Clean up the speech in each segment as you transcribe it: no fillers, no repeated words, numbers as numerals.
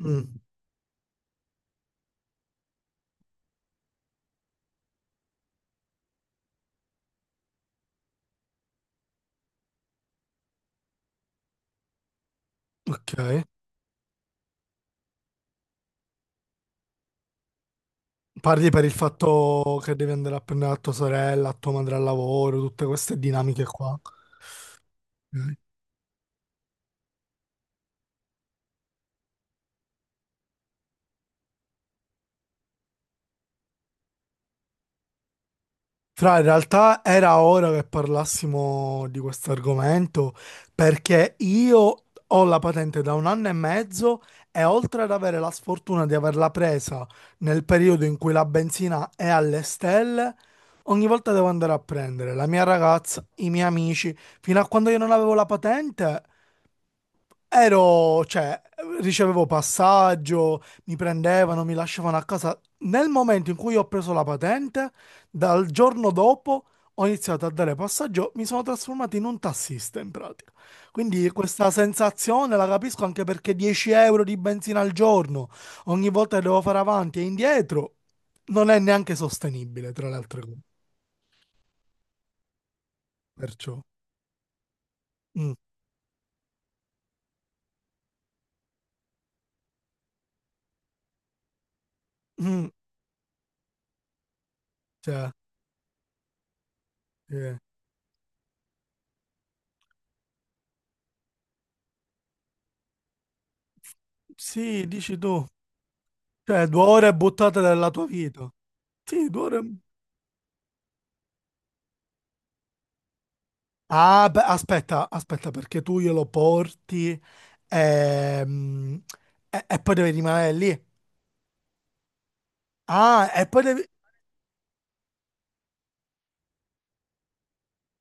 Mm, ok. Parli per il fatto che devi andare a prendere la tua sorella, la tua madre al lavoro, tutte queste dinamiche qua. Ok. Fra, in realtà era ora che parlassimo di questo argomento perché io ho la patente da un anno e mezzo e oltre ad avere la sfortuna di averla presa nel periodo in cui la benzina è alle stelle, ogni volta devo andare a prendere la mia ragazza, i miei amici, fino a quando io non avevo la patente. Ero, cioè, ricevevo passaggio, mi prendevano, mi lasciavano a casa. Nel momento in cui ho preso la patente, dal giorno dopo ho iniziato a dare passaggio, mi sono trasformato in un tassista in pratica. Quindi questa sensazione la capisco anche perché 10 euro di benzina al giorno, ogni volta che devo fare avanti e indietro, non è neanche sostenibile, tra le altre cose. Perciò, mm, mm, cioè, eh. Sì, dici tu, cioè, 2 ore buttate della tua vita. Sì, 2 ore. Ah, beh, aspetta, aspetta, perché tu glielo porti ehm, e poi devi rimanere lì. Ah, e poi devi.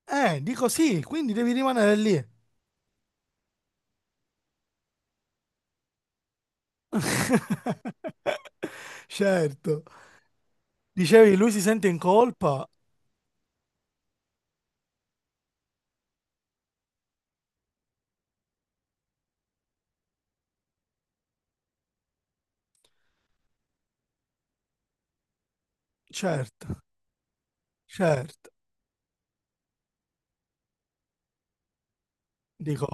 Dico sì, quindi devi rimanere lì. Certo. Dicevi, lui si sente in colpa? Certo, certo. Dico...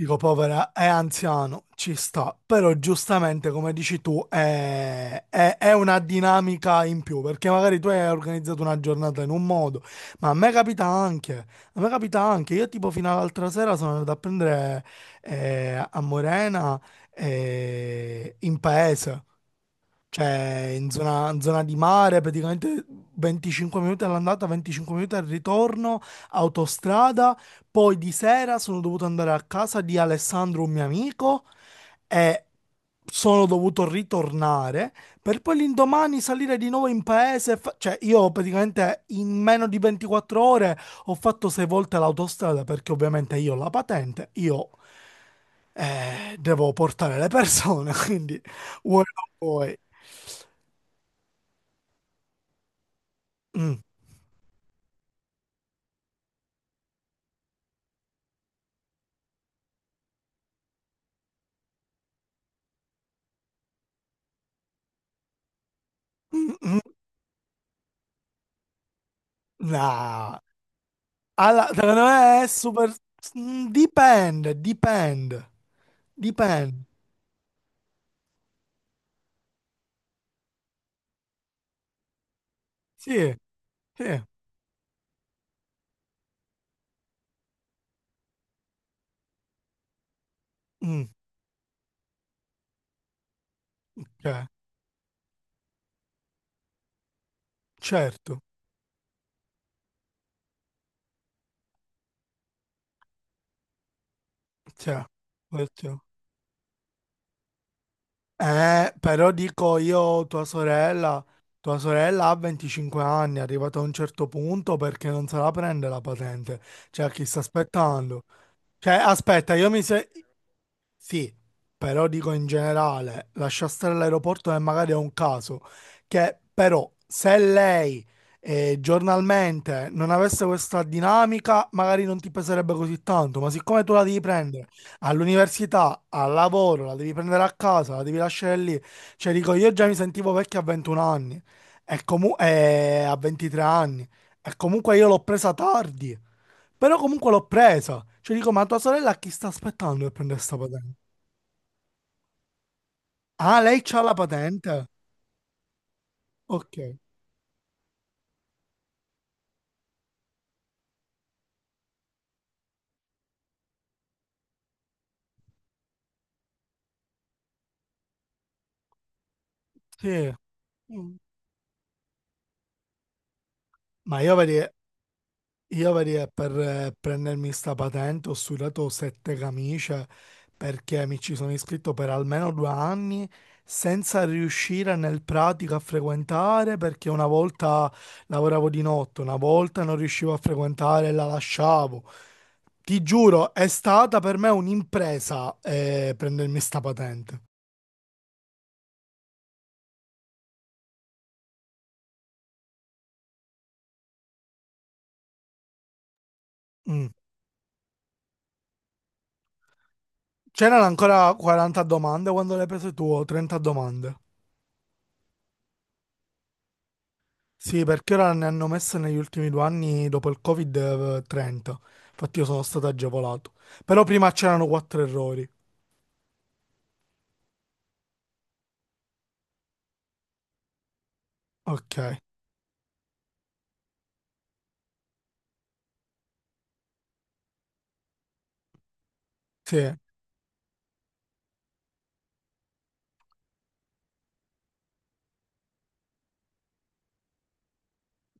Dico, povera, è anziano, ci sta, però giustamente, come dici tu, è una dinamica in più, perché magari tu hai organizzato una giornata in un modo, ma a me capita anche, io tipo fino all'altra sera sono andato a prendere a Morena in paese. Cioè, in zona di mare, praticamente 25 minuti all'andata, 25 minuti al ritorno, autostrada. Poi di sera sono dovuto andare a casa di Alessandro, un mio amico, e sono dovuto ritornare per poi l'indomani salire di nuovo in paese. Cioè, io praticamente in meno di 24 ore ho fatto sei volte l'autostrada perché ovviamente io ho la patente, io devo portare le persone, quindi vuoi non vuoi. Mm, mm, mm, no. Secondo me è super... Dipende, dipende, dipende. Sì, sì. Mm, cioè, certo, cioè, questo- però dico io, tua sorella ha 25 anni, è arrivata a un certo punto perché non se la prende la patente. Cioè, chi sta aspettando? Cioè, aspetta, io mi se... Sì, però dico in generale, lascia stare l'aeroporto e magari è un caso, che però se lei giornalmente non avesse questa dinamica, magari non ti peserebbe così tanto, ma siccome tu la devi prendere all'università, al lavoro, la devi prendere a casa, la devi lasciare lì, cioè dico io già mi sentivo vecchio a 21 anni, e a 23 anni, e comunque io l'ho presa tardi. Però comunque l'ho presa. Cioè dico, ma tua sorella a chi sta aspettando per prendere sta patente? Ah, lei c'ha la patente? Ok. Sì. Mm. Ma io vedi, Io vedi, per prendermi sta patente ho sudato sette camicie perché mi ci sono iscritto per almeno 2 anni senza riuscire nel pratico a frequentare perché una volta lavoravo di notte, una volta non riuscivo a frequentare e la lasciavo. Ti giuro, è stata per me un'impresa prendermi sta patente. Mm. C'erano ancora 40 domande quando l'hai prese tu o 30 domande? Sì, perché ora ne hanno messe negli ultimi 2 anni dopo il Covid-30. Infatti io sono stato agevolato. Però prima c'erano quattro errori. Ok, sì.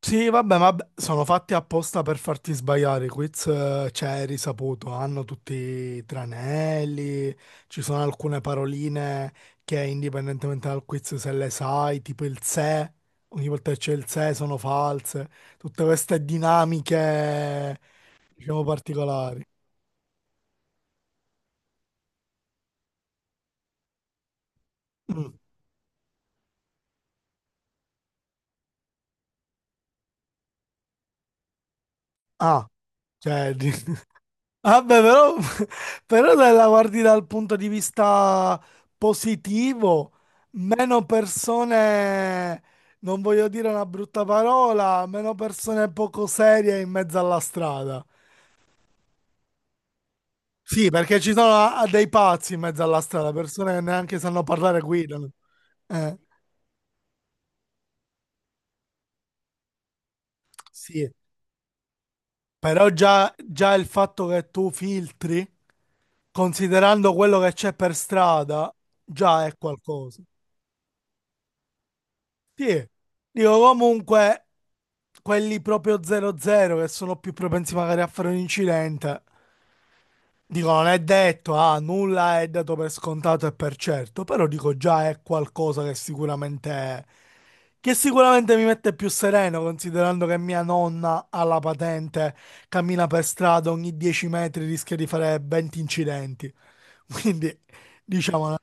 Sì, vabbè, sono fatti apposta per farti sbagliare. I quiz, cioè, è risaputo, hanno tutti i tranelli, ci sono alcune paroline che indipendentemente dal quiz se le sai, tipo il se, ogni volta che c'è il se sono false. Tutte queste dinamiche, diciamo, particolari. Mm. Ah, cioè, vabbè, però se la guardi dal punto di vista positivo, meno persone, non voglio dire una brutta parola, meno persone poco serie in mezzo alla strada. Sì, perché ci sono dei pazzi in mezzo alla strada, persone che neanche sanno parlare e guidano. Eh, sì, però già, già il fatto che tu filtri, considerando quello che c'è per strada, già è qualcosa. Sì, dico comunque quelli proprio 0-0 che sono più propensi magari a fare un incidente, dico non è detto, ah, nulla è dato per scontato e per certo, però dico già è qualcosa che sicuramente mi mette più sereno considerando che mia nonna ha la patente, cammina per strada ogni 10 metri rischia di fare 20 incidenti, quindi diciamo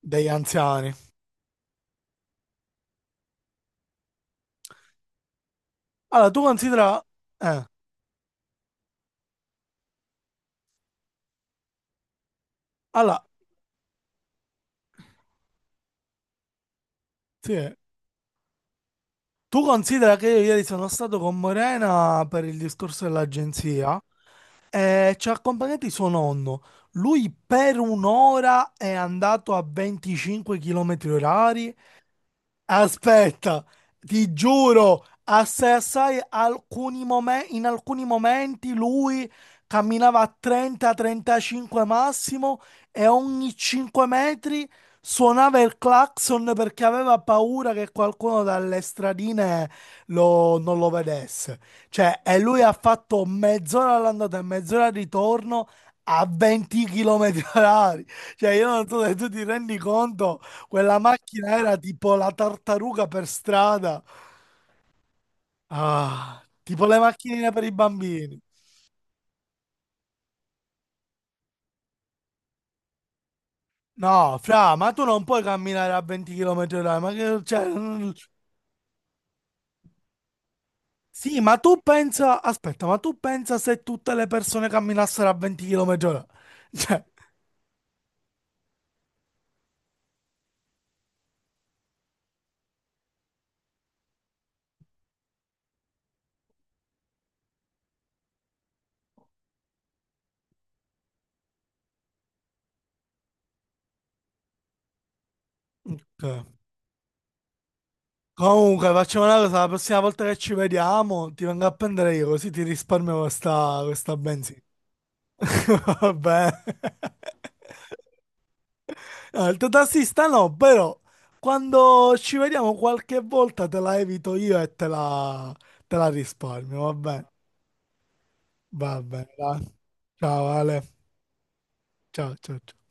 degli anziani. Allora tu considera... Eh, allora, sì. Tu considera che io ieri sono stato con Morena per il discorso dell'agenzia e ci ha accompagnati suo nonno. Lui per un'ora è andato a 25 km orari. Aspetta, ti giuro, a CSI in alcuni momenti lui camminava a 30-35 massimo e ogni 5 metri suonava il clacson perché aveva paura che qualcuno dalle stradine non lo vedesse. Cioè, e lui ha fatto mezz'ora all'andata e mezz'ora al ritorno a 20 km orari. Cioè, io non so se tu ti rendi conto quella macchina era tipo la tartaruga per strada. Ah, tipo le macchinine per i bambini. No, fra, ma tu non puoi camminare a 20 km orari, ma che, cioè, mm, sì, ma tu pensa, aspetta, ma tu pensa se tutte le persone camminassero a 20 km orari? Cioè, eh. Comunque, facciamo una cosa, la prossima volta che ci vediamo ti vengo a prendere io, così ti risparmio questa, benzina. Vabbè. No, il totassista no, però quando ci vediamo qualche volta te la evito io e te la risparmio, va bene, dai. Ciao Ale, ciao ciao ciao.